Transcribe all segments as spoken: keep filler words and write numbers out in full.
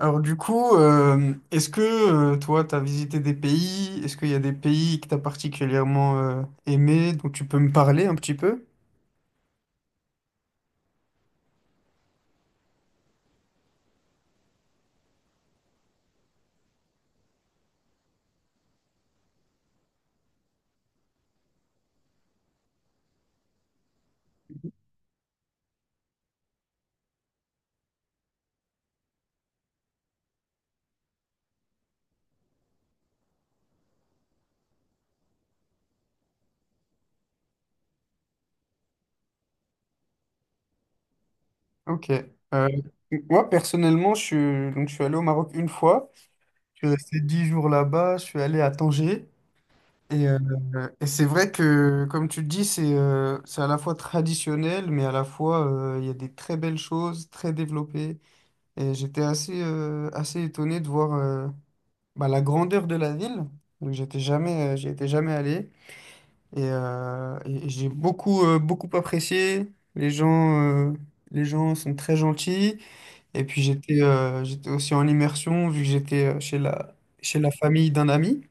Alors du coup, euh, est-ce que euh, toi, tu as visité des pays? Est-ce qu'il y a des pays que tu as particulièrement euh, aimé, dont tu peux me parler un petit peu? Ok. Euh, Moi, personnellement, je suis, donc, je suis allé au Maroc une fois. Je suis resté dix jours là-bas. Je suis allé à Tanger. Et, euh, et c'est vrai que, comme tu le dis, c'est euh, c'est à la fois traditionnel, mais à la fois, euh, il y a des très belles choses, très développées. Et j'étais assez, euh, assez étonné de voir... euh, bah, la grandeur de la ville. Donc j'étais jamais, euh, j'y étais jamais allé. Et, euh, et- et j'ai beaucoup, euh, beaucoup apprécié. Les gens, euh, les gens sont très gentils. Et puis j'étais euh, j'étais aussi en immersion, vu que j'étais euh, chez la, chez la famille d'un ami.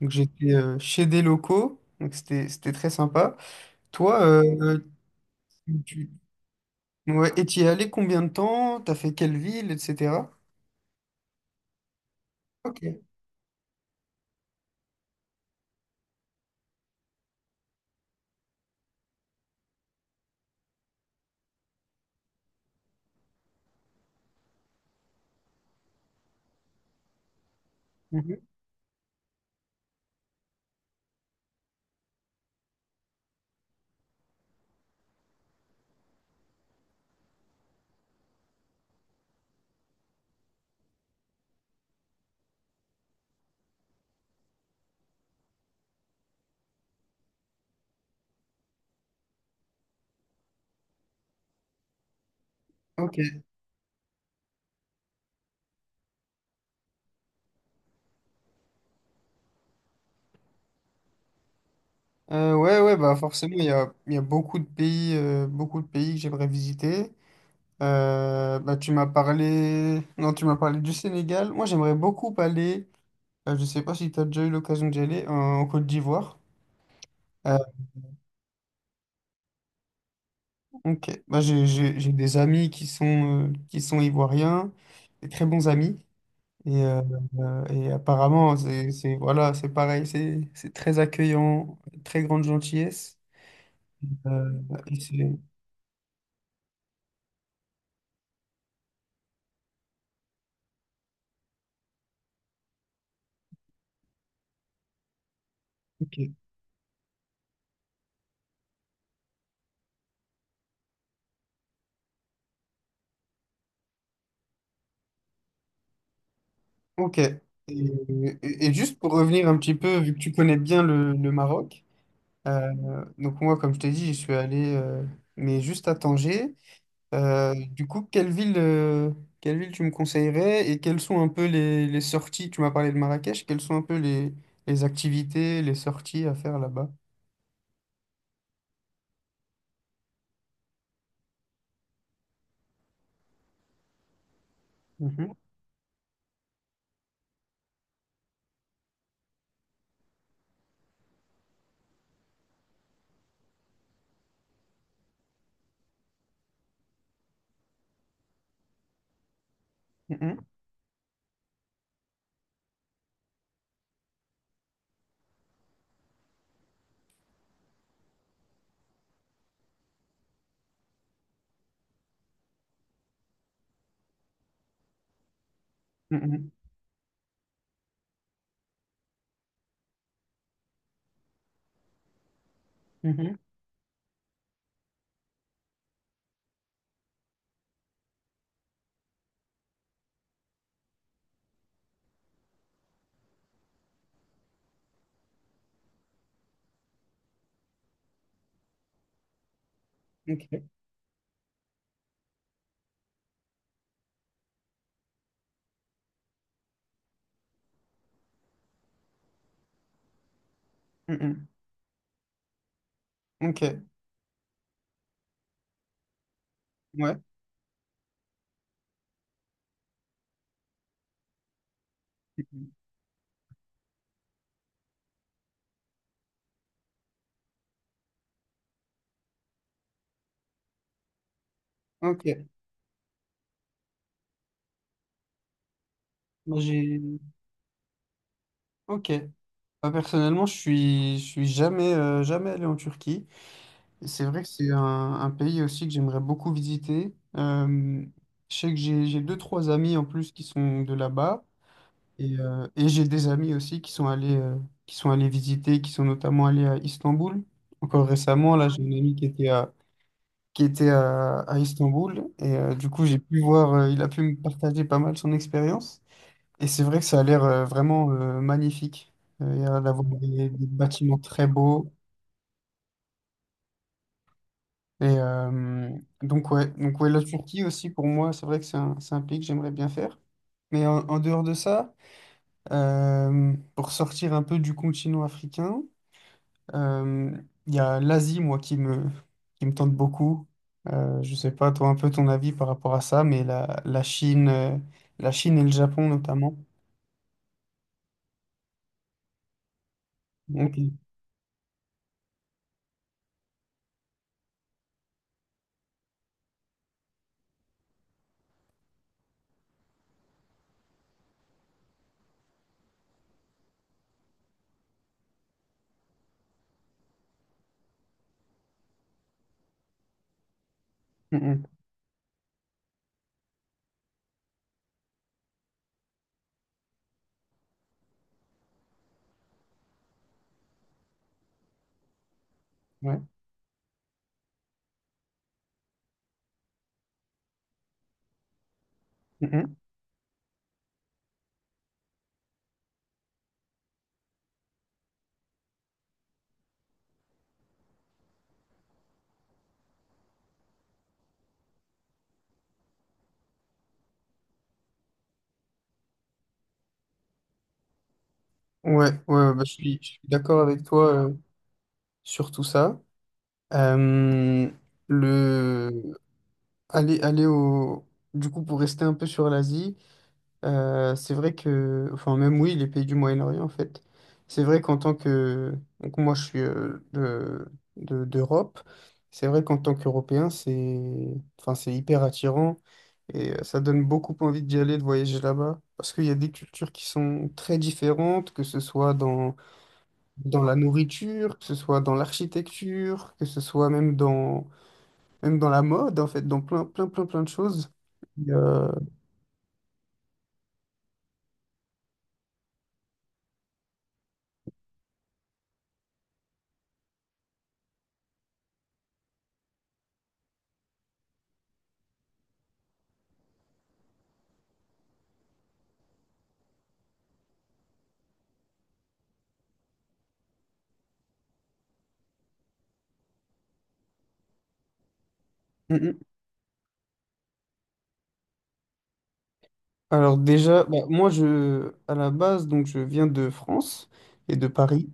Donc j'étais euh, chez des locaux. Donc c'était, c'était très sympa. Toi, euh, tu, ouais, et tu y es allé combien de temps? T'as fait quelle ville, et cetera. Ok. Mhm. Ok. Euh, ouais, ouais, bah forcément, il y a, il y a beaucoup de pays, euh, beaucoup de pays que j'aimerais visiter. Euh, bah, tu m'as parlé... Non, tu m'as parlé du Sénégal. Moi, j'aimerais beaucoup aller, euh, je sais pas si tu as déjà eu l'occasion d'y aller, en, en Côte d'Ivoire. Euh, ok, bah, j'ai, j'ai, j'ai des amis qui sont, euh, qui sont ivoiriens, des très bons amis. Et, euh, euh, et apparemment, c'est, c'est, voilà, c'est pareil, c'est, c'est très accueillant, très grande gentillesse. Euh, et c'est... ok. Ok. Et, et- et juste pour revenir un petit peu, vu que tu connais bien le, le Maroc, euh, donc moi, comme je t'ai dit, j'y suis allé, euh, mais juste à Tanger. Euh, du coup, quelle ville, euh, quelle ville tu me conseillerais et quelles sont un peu les, les sorties? Tu m'as parlé de Marrakech, quelles sont un peu les, les activités, les sorties à faire là-bas? Mhm, mhm, mhm, mhm, Ok. Mhm, Ok. Ouais. Mhm, Ok. Moi, j'ai... Ok. Moi, personnellement, je suis, je suis jamais, euh, jamais allé en Turquie. Et c'est vrai que c'est un, un pays aussi que j'aimerais beaucoup visiter. Euh, je sais que j'ai, j'ai deux, trois amis en plus qui sont de là-bas. Et, euh, et j'ai des amis aussi qui sont allés, euh, qui sont allés visiter, qui sont notamment allés à Istanbul. Encore récemment, là, j'ai un ami qui était à, qui était à, à Istanbul. Et euh, du coup, j'ai pu voir, euh, il a pu me partager pas mal son expérience. Et c'est vrai que ça a l'air euh, vraiment euh, magnifique. Euh, Il y a l'air d'avoir des, des bâtiments très beaux. Et euh, donc, ouais. Donc, ouais, la Turquie aussi, pour moi, c'est vrai que c'est un, c'est un pays que j'aimerais bien faire. Mais en, en dehors de ça, euh, pour sortir un peu du continent africain, euh, il y a l'Asie, moi, qui me, qui me tente beaucoup. Euh, je sais pas, toi, un peu ton avis par rapport à ça, mais la, la Chine, euh, la Chine et le Japon notamment. Donc, mm, mm, mm, ouais. Mm, mm. Ouais, ouais, ouais, bah, je suis, je suis d'accord avec toi euh, sur tout ça. Euh, le aller, aller au du coup pour rester un peu sur l'Asie, euh, c'est vrai que enfin même oui les pays du Moyen-Orient en fait, c'est vrai qu'en tant que donc moi je suis euh, de, de- d'Europe, c'est vrai qu'en tant qu'Européen c'est enfin c'est hyper attirant et euh, ça donne beaucoup envie d'y aller de voyager là-bas parce qu'il y a des cultures qui sont très différentes que ce soit dans dans la nourriture, que ce soit dans l'architecture, que ce soit même dans, même dans la mode, en fait, dans plein, plein, plein, plein de choses. Et, euh, mm, mm. Alors déjà, bah, moi, je, à la base, donc, je viens de France et de Paris.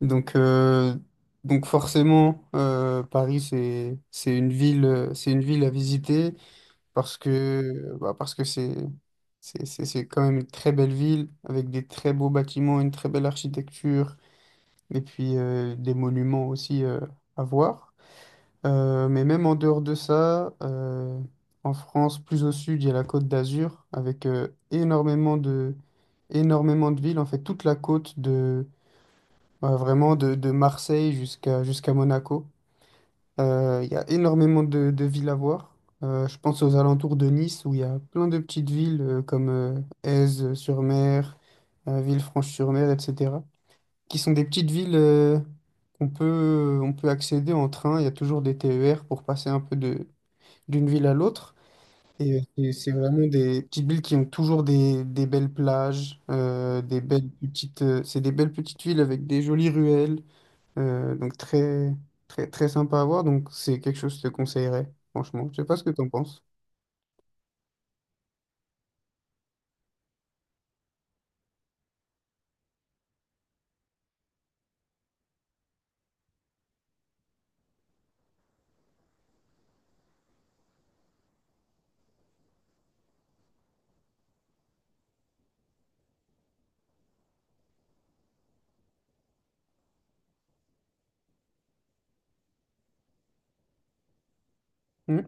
Donc, euh, donc forcément, euh, Paris, c'est, c'est une ville, euh, c'est une ville à visiter parce que, bah, parce que c'est, c'est, c'est c'est quand même une très belle ville avec des très beaux bâtiments, une très belle architecture. Et puis euh, des monuments aussi euh, à voir. Euh, mais même en dehors de ça, euh, en France, plus au sud, il y a la Côte d'Azur avec euh, énormément de, énormément de villes, en fait toute la côte de bah, vraiment de, de Marseille jusqu'à jusqu'à Monaco. Euh, il y a énormément de, de villes à voir. Euh, je pense aux alentours de Nice où il y a plein de petites villes euh, comme euh, Aise-sur-Mer, euh, Villefranche-sur-Mer, etc qui sont des petites villes euh, qu'on peut, on peut accéder en train. Il y a toujours des T E R pour passer un peu de, d'une ville à l'autre. Et, euh, c'est c'est vraiment des petites villes qui ont toujours des, des belles plages, euh, des belles petites, euh, c'est des belles petites villes avec des jolies ruelles, euh, donc très, très, très sympa à voir. Donc c'est quelque chose que je te conseillerais, franchement. Je sais pas ce que tu en penses. Hmm.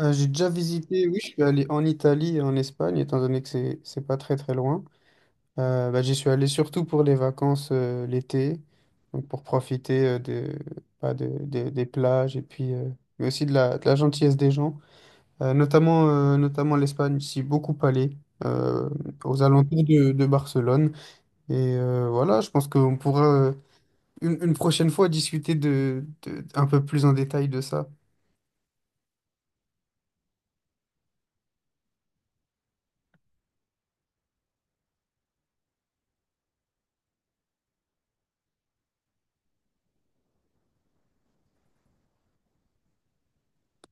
Euh, j'ai déjà visité, oui, je suis allé en Italie et en Espagne, étant donné que c'est c'est pas très très loin. Euh, bah, j'y suis allé surtout pour les vacances euh, l'été, donc pour profiter euh, de, bah, de- de- des plages et puis euh, mais aussi de la, de la gentillesse des gens. Euh, notamment, euh, notamment l'Espagne, j'y suis beaucoup allé euh, aux alentours de, de Barcelone. Et euh, voilà, je pense qu'on pourra euh, une, une prochaine fois discuter de, de- un peu plus en détail de ça.